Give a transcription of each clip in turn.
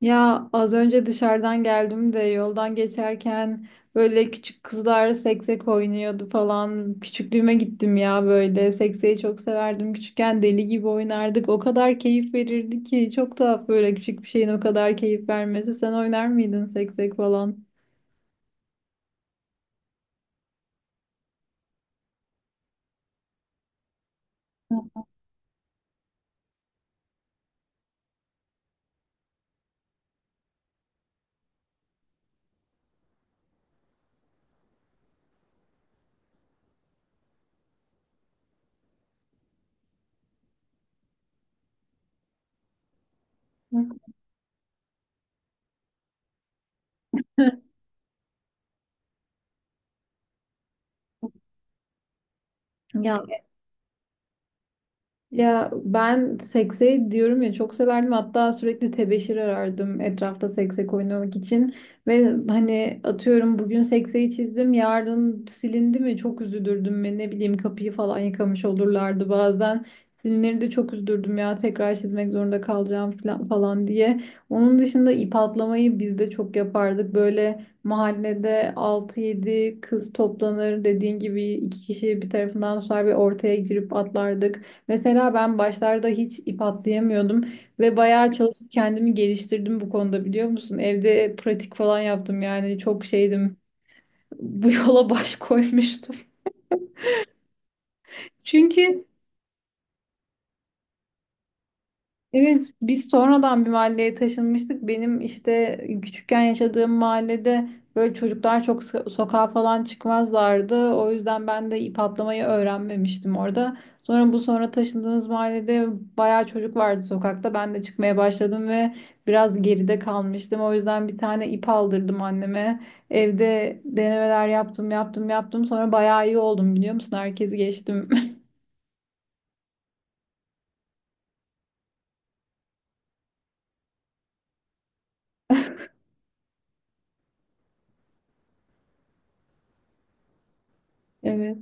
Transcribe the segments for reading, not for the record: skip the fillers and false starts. Ya az önce dışarıdan geldim de yoldan geçerken böyle küçük kızlar seksek oynuyordu falan. Küçüklüğüme gittim ya böyle. Sekseyi çok severdim. Küçükken deli gibi oynardık. O kadar keyif verirdi ki. Çok tuhaf böyle küçük bir şeyin o kadar keyif vermesi. Sen oynar mıydın seksek falan? Ya Ya ben sekseyi diyorum ya, çok severdim, hatta sürekli tebeşir arardım etrafta seksek oynamak için. Ve hani, atıyorum, bugün sekseyi çizdim, yarın silindi mi çok üzülürdüm. Ve ne bileyim, kapıyı falan yıkamış olurlardı bazen, silinleri de çok üzülürdüm ya, tekrar çizmek zorunda kalacağım falan diye. Onun dışında ip atlamayı biz de çok yapardık. Böyle mahallede altı yedi kız toplanır, dediğin gibi iki kişi bir tarafından tutar ve ortaya girip atlardık. Mesela ben başlarda hiç ip atlayamıyordum ve bayağı çalışıp kendimi geliştirdim bu konuda, biliyor musun? Evde pratik falan yaptım, yani çok şeydim. Bu yola baş koymuştum. Çünkü evet, biz sonradan bir mahalleye taşınmıştık. Benim işte küçükken yaşadığım mahallede böyle çocuklar çok sokağa falan çıkmazlardı. O yüzden ben de ip atlamayı öğrenmemiştim orada. Sonra taşındığımız mahallede bayağı çocuk vardı sokakta. Ben de çıkmaya başladım ve biraz geride kalmıştım. O yüzden bir tane ip aldırdım anneme. Evde denemeler yaptım, yaptım, yaptım. Sonra bayağı iyi oldum, biliyor musun? Herkesi geçtim. Evet.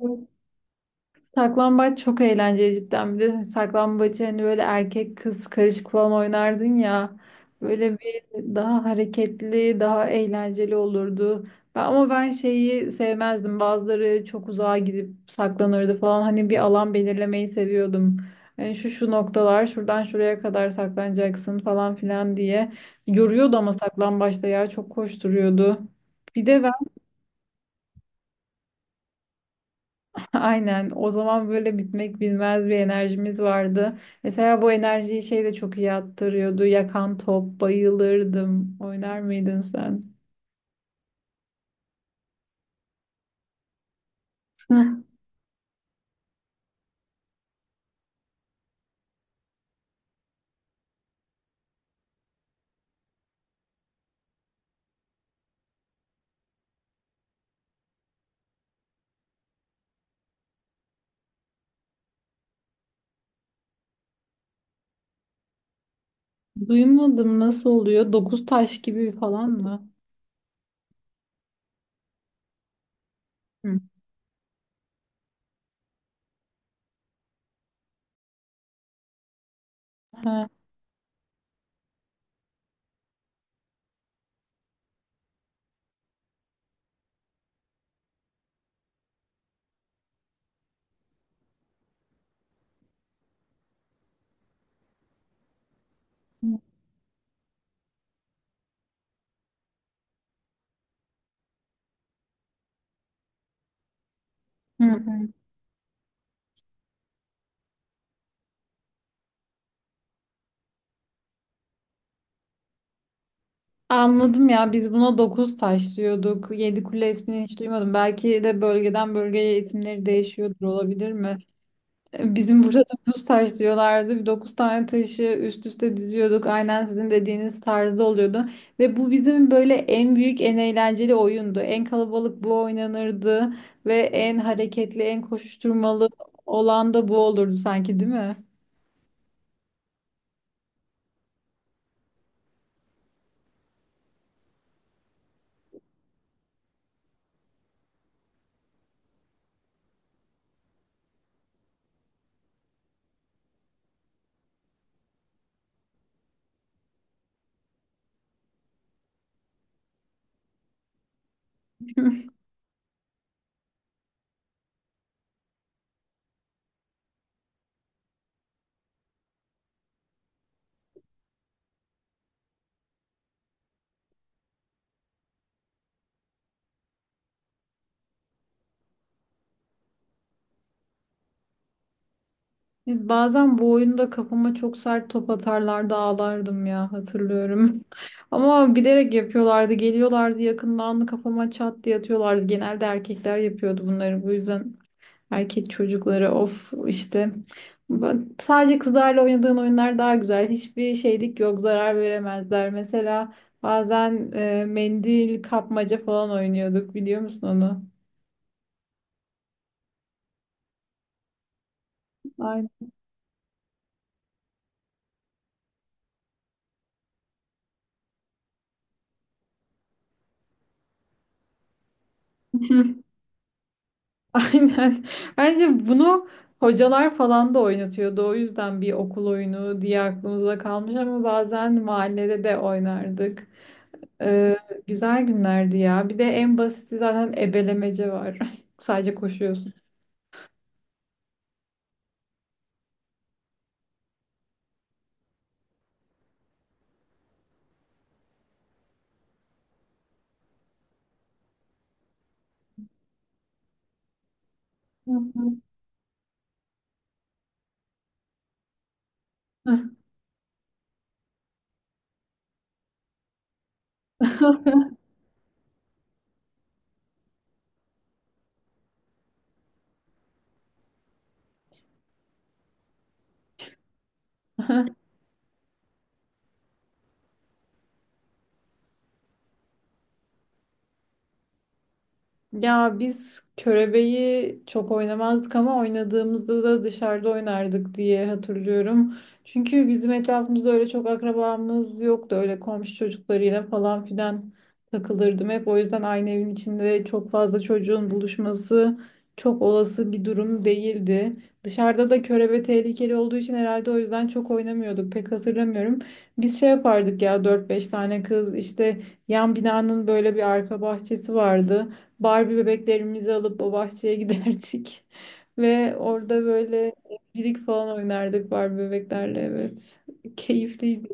Hı. Saklambaç çok eğlenceli cidden. Bir de saklambacı hani böyle erkek kız karışık falan oynardın ya. Böyle bir daha hareketli, daha eğlenceli olurdu. Ama ben şeyi sevmezdim. Bazıları çok uzağa gidip saklanırdı falan. Hani bir alan belirlemeyi seviyordum. Hani şu şu noktalar, şuradan şuraya kadar saklanacaksın falan filan diye. Yoruyordu ama saklambaçta ya, çok koşturuyordu. Bir de Aynen. O zaman böyle bitmek bilmez bir enerjimiz vardı. Mesela bu enerjiyi şey de çok iyi attırıyordu. Yakan top, bayılırdım. Oynar mıydın sen? Heh. Duymadım, nasıl oluyor? Dokuz taş gibi falan mı? Hı. Ha. Hı hı. Anladım ya, biz buna dokuz taş diyorduk. Yedi kule ismini hiç duymadım. Belki de bölgeden bölgeye isimleri değişiyordur, olabilir mi? Bizim burada dokuz taş diyorlardı. Bir dokuz tane taşı üst üste diziyorduk. Aynen sizin dediğiniz tarzda oluyordu. Ve bu bizim böyle en büyük, en eğlenceli oyundu. En kalabalık bu oynanırdı. Ve en hareketli, en koşuşturmalı olan da bu olurdu sanki, değil mi? Bazen bu oyunda kafama çok sert top atarlardı, ağlardım ya, hatırlıyorum. Ama bilerek yapıyorlardı. Geliyorlardı yakından, kafama çat diye atıyorlardı. Genelde erkekler yapıyordu bunları, bu yüzden. Erkek çocukları, of işte. Sadece kızlarla oynadığın oyunlar daha güzel. Hiçbir şeylik yok, zarar veremezler. Mesela bazen mendil kapmaca falan oynuyorduk, biliyor musun onu? Aynen. Aynen. Bence bunu hocalar falan da oynatıyordu. O yüzden bir okul oyunu diye aklımızda kalmış, ama bazen mahallede de oynardık. Ee, Güzel günlerdi ya. Bir de en basiti zaten ebelemece var. Sadece koşuyorsun. Hı hı. Hı. Ya biz körebeyi çok oynamazdık, ama oynadığımızda da dışarıda oynardık diye hatırlıyorum. Çünkü bizim etrafımızda öyle çok akrabamız yoktu. Öyle komşu çocuklarıyla falan filan takılırdım hep. O yüzden aynı evin içinde çok fazla çocuğun buluşması çok olası bir durum değildi. Dışarıda da körebe tehlikeli olduğu için herhalde o yüzden çok oynamıyorduk. Pek hatırlamıyorum. Biz şey yapardık ya, dört beş tane kız işte, yan binanın böyle bir arka bahçesi vardı. Barbie bebeklerimizi alıp o bahçeye giderdik. Ve orada böyle evcilik falan oynardık Barbie bebeklerle, evet. Keyifliydi.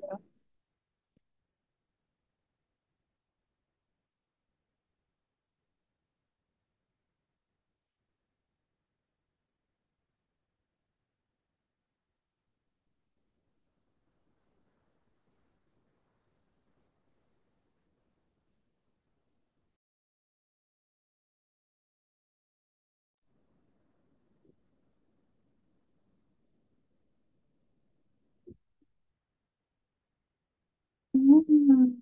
Hmm.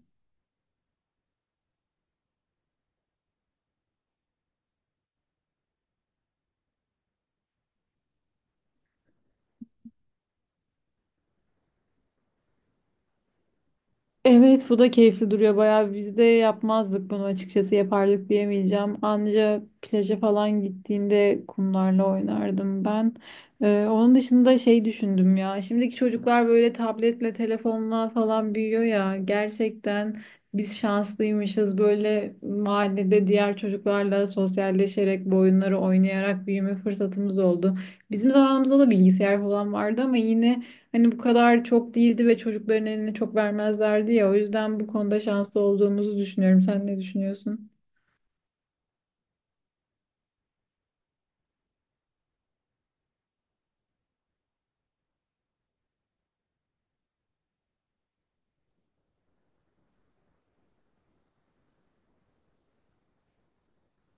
Evet, bu da keyifli duruyor bayağı. Biz de yapmazdık bunu açıkçası, yapardık diyemeyeceğim. Anca plaja falan gittiğinde kumlarla oynardım ben. Onun dışında şey düşündüm ya, şimdiki çocuklar böyle tabletle telefonla falan büyüyor ya, gerçekten biz şanslıymışız, böyle mahallede diğer çocuklarla sosyalleşerek, bu oyunları oynayarak büyüme fırsatımız oldu. Bizim zamanımızda da bilgisayar falan vardı ama yine, hani, bu kadar çok değildi ve çocukların eline çok vermezlerdi ya. O yüzden bu konuda şanslı olduğumuzu düşünüyorum. Sen ne düşünüyorsun?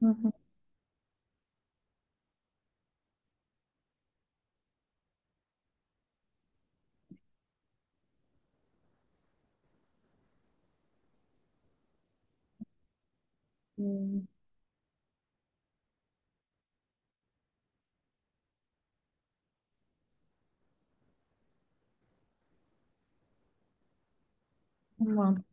Hı hı. Hmm. Tamam.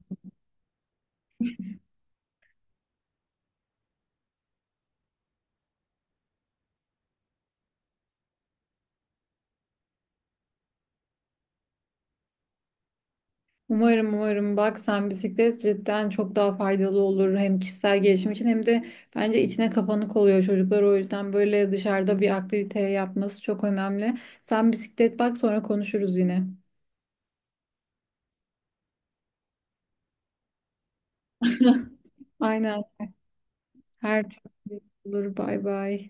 Umarım umarım, bak sen bisiklet cidden çok daha faydalı olur, hem kişisel gelişim için, hem de bence içine kapanık oluyor çocuklar, o yüzden böyle dışarıda bir aktivite yapması çok önemli. Sen bisiklet bak, sonra konuşuruz yine. Aynen, her türlü olur, bay bay.